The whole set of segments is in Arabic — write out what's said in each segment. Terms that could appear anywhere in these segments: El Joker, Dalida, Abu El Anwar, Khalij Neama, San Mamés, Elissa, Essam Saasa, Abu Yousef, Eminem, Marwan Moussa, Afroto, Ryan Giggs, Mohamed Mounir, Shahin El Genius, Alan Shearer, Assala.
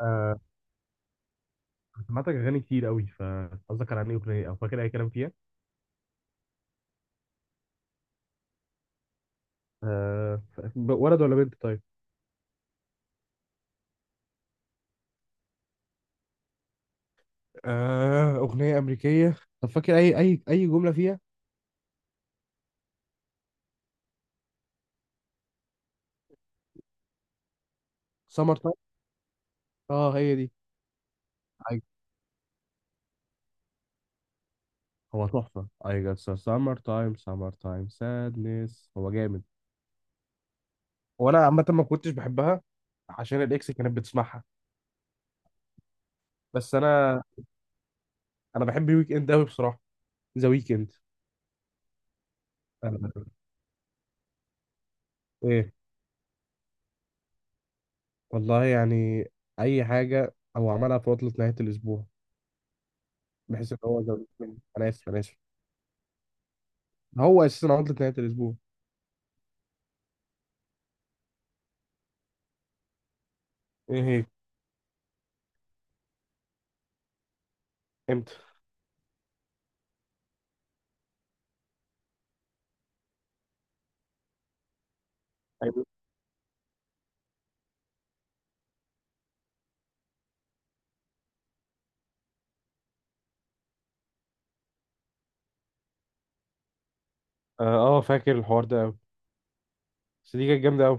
آه. سمعتك اغاني كتير قوي، فقصدك على انهي اغنيه او فاكر اي كلام فيها؟ آه. ولد ولا بنت طيب؟ آه. أغنية أمريكية، طب فاكر أي جملة فيها؟ سمر تايم. أه، هي دي. I- هو تحفه. I guess a summer time sadness. هو جامد. وأنا عامة ما كنتش بحبها عشان الإكس كانت بتسمعها. بس أنا بحب ويك إند أوي بصراحة. ذا ويك إند. آه، إيه؟ والله يعني، أي حاجة هو عملها في عطلة نهاية الأسبوع. بحيث ان هو زود مني. انا اسف، انا اسف. هو اساسا عطلة نهاية الاسبوع. ايه هي؟ امتى؟ أيوة. اه، آه، فاكر الحوار ده قوي. بس دي كانت جامده قوي.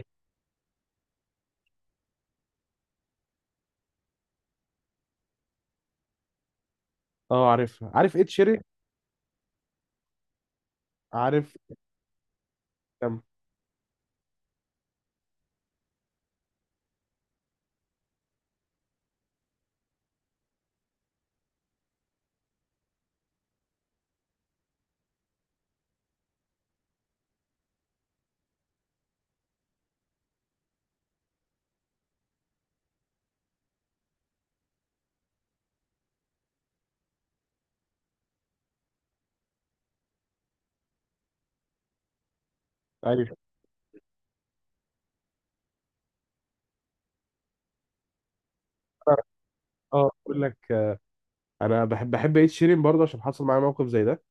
اه، عارفها، عارف ايه شيرين. عارف. كم؟ ايوه. اه، اقول لك. انا بحب ايه شيرين برضه عشان حصل معايا موقف زي ده.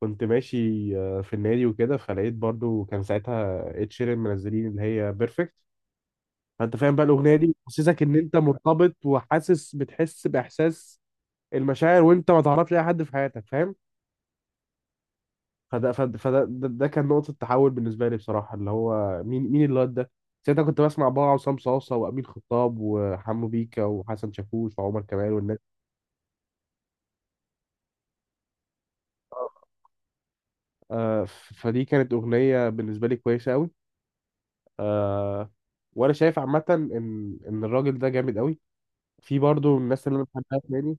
كنت ماشي في النادي وكده، فلقيت برضه كان ساعتها ايه شيرين منزلين اللي هي بيرفكت. فانت فاهم بقى الاغنيه دي حسسك ان انت مرتبط وحاسس، بتحس باحساس المشاعر، وانت ما تعرفش اي حد في حياتك، فاهم؟ فده فده, فده ده, ده كان نقطة تحول بالنسبة لي بصراحة، اللي هو مين الواد ده. ساعتها كنت بسمع بقى عصام صاصة وأمين خطاب وحمو بيكا وحسن شاكوش وعمر كمال والناس. فدي كانت أغنية بالنسبة لي كويسة أوي. آه. وأنا شايف عامة إن الراجل ده جامد أوي. في برضو الناس اللي أنا بحبها تاني.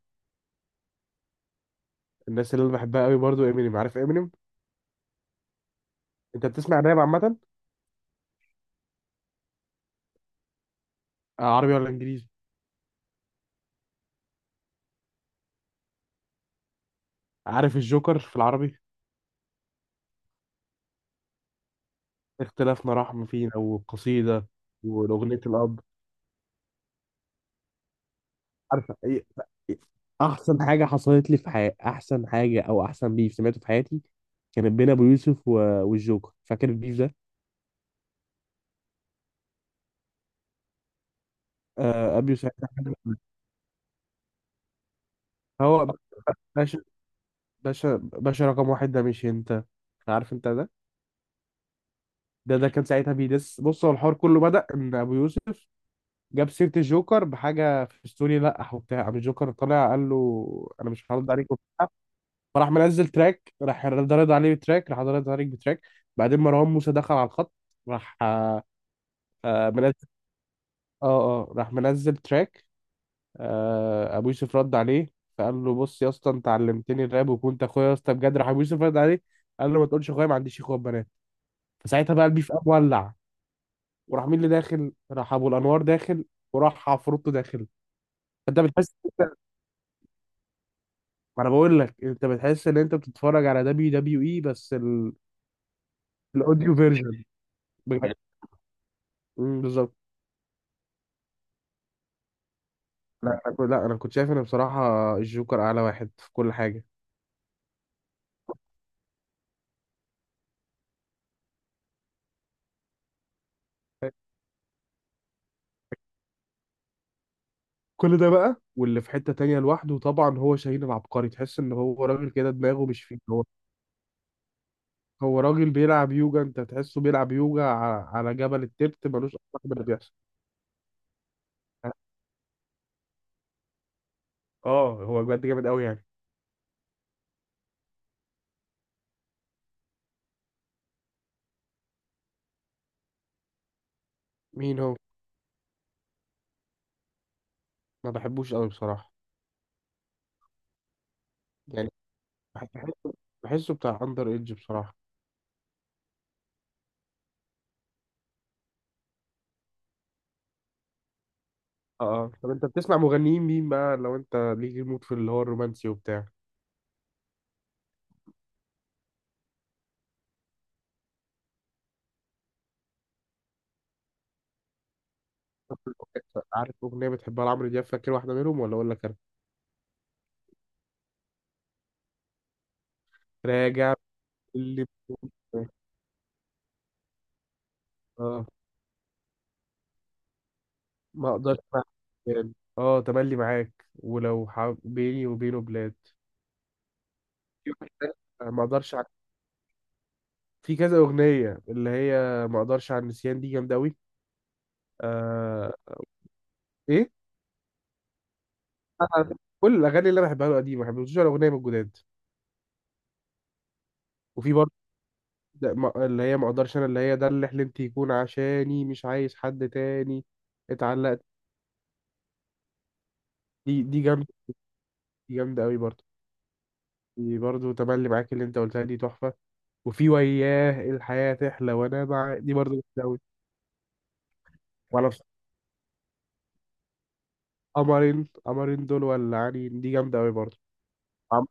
الناس اللي أنا بحبها أوي برضو إمينيم، عارف إمينيم؟ أنت بتسمع راب عامة؟ آه، عربي ولا إنجليزي؟ عارف الجوكر في العربي؟ اختلافنا رحم فينا وقصيدة. والأغنية الأب. عارفه. إيه؟ احسن حاجه حصلت لي في حياتي، احسن حاجه او احسن بيف سمعته في حياتي، كانت بين ابو يوسف و... والجوكر. فاكر البيف ده؟ آه، ابي يوسف. هو. باشا. باشا، باشا رقم واحد، ده مش انت. عارف انت ده. ده كان ساعتها بيدس. بص، هو الحوار كله بدأ ان ابو يوسف جاب سيرة الجوكر بحاجة في ستوري لقح وبتاع، قام الجوكر طلع قال له: انا مش هرد عليك وبتاع. فراح منزل تراك، راح رد عليه بتراك، راح رد عليك بتراك. بعدين مروان موسى دخل على الخط. راح. آه، منزل. اه. اه، راح منزل تراك. آه، ابو يوسف رد عليه. فقال له: بص يا اسطى، انت علمتني الراب وكنت اخويا يا اسطى بجد. راح ابو يوسف رد عليه، قال له: ما تقولش اخويا، ما عنديش اخوات بنات. فساعتها بقى البيف قام ولع. وراح مين اللي داخل؟ راح ابو الانوار داخل، وراح عفروتو داخل. انت بتحس. ما انا بقول لك، انت بتحس ان انت بتتفرج على دبليو دبليو اي، بس ال... الاوديو فيرجن. بجد. مم، بالظبط. لا، أنا كنت شايف ان بصراحه الجوكر اعلى واحد في كل حاجه. كل ده بقى، واللي في حتة تانية لوحده طبعا هو شاهين العبقري. تحس ان هو راجل كده دماغه مش فيه، هو. هو راجل بيلعب يوجا، انت تحسه بيلعب يوجا على جبل التبت، ملوش اصلا باللي بيحصل. اه، هو بجد جامد قوي يعني. مين هو؟ ما بحبوش قوي بصراحة. يعني، بح- بحسه بحسه بتاع اندر ايدج بصراحة. اه، اه، طب انت بتسمع مغنيين مين بقى، لو انت ليك المود في اللي هو الرومانسي وبتاع؟ عارف اغنية بتحبها لعمرو دياب؟ فاكر واحدة منهم ولا اقول لك انا؟ راجع. اللي ما اقدرش مع الرجال. اه، تملي معاك، ولو بيني وبينه بلاد. في واحد تاني. ما اقدرش. في كذا اغنيه، اللي هي ما اقدرش على النسيان، دي جامده قوي. آه... ايه؟ أنا كل الاغاني اللي انا بحبها له قديمه، ما بحبش ولا اغنيه من الجداد. وفي برضه. اللي هي ما اقدرش انا، اللي هي ده اللي حلمت يكون عشاني مش عايز حد تاني. اتعلقت. دي جامده. دي جامده قوي برضه. دي برضه تملي معاك، اللي انت قلتها دي تحفه. وفي وياه الحياه تحلى وانا مع، دي برضه جامده قوي. قمرين دول ولا عين، دي جامدة أوي برضه. عم...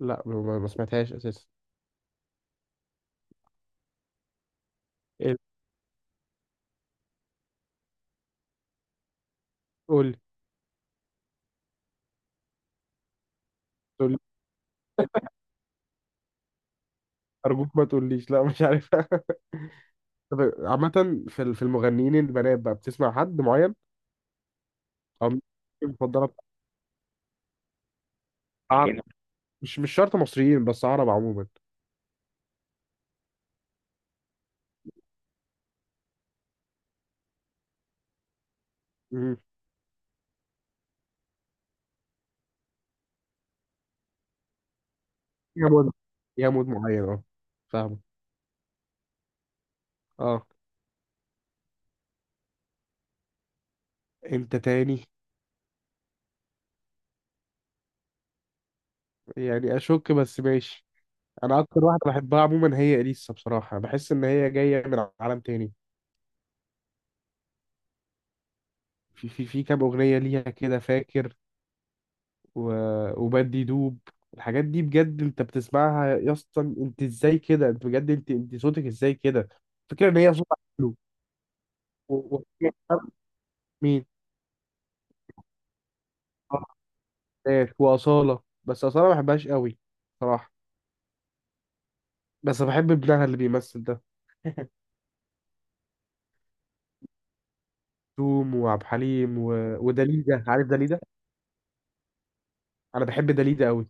لا، ما سمعتهاش أساسا. إيه؟ قول. قول. أرجوك ما تقوليش لا مش عارف. طب عامة، في المغنيين البنات بقى بتسمع حد معين؟ أو مين المفضلة بتاعتك؟ عرب. مش شرط مصريين، بس عرب عموما. مم. يا مود يا مود معين، اه. فاهمه. اه. انت تاني؟ يعني اشك، بس ماشي. انا اكتر واحده بحبها عموما هي اليسا، بصراحه بحس ان هي جايه من عالم تاني. في كام اغنيه ليها كده، فاكر؟ وبدي دوب. الحاجات دي بجد، انت بتسمعها يا اسطى انت ازاي كده؟ انت بجد، انت صوتك ازاي كده؟ فكرة ان هي صوتها حلو. و- و- مين؟ آه، ناس وأصالة، بس أصالة ما بحبهاش قوي. صراحة. بس بحب ابنها اللي بيمثل ده. توم وعبد الحليم. ودليدة، عارف دليدة؟ انا بحب دليدة قوي.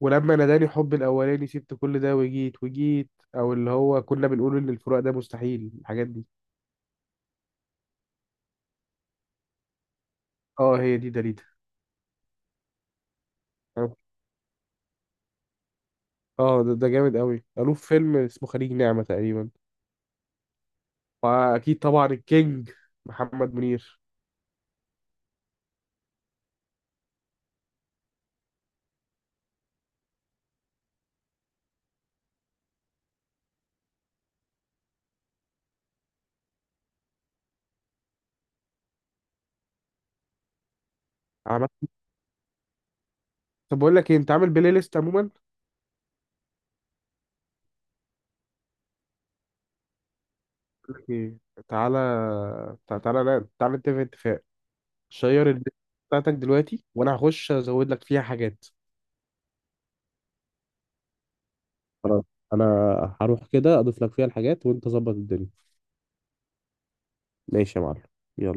ولما ناداني حب الاولاني، سبت كل ده وجيت او اللي هو كنا بنقول ان الفراق ده مستحيل، الحاجات دي. اه، هي دي دليدة. اه، ده جامد قوي، قالوه في فيلم اسمه خليج نعمة تقريبا. واكيد طبعا الكينج محمد منير. عمل. طب بقول لك ايه، انت عامل بلاي ليست عموما؟ بقول لك ايه. تعالى. تعالى لا، تعالى نتفق اتفاق. شير الليست بتاعتك دلوقتي، وانا هخش ازود لك فيها حاجات. خلاص. انا هروح كده اضيف لك فيها الحاجات وانت ظبط الدنيا. ماشي يا معلم. يلا.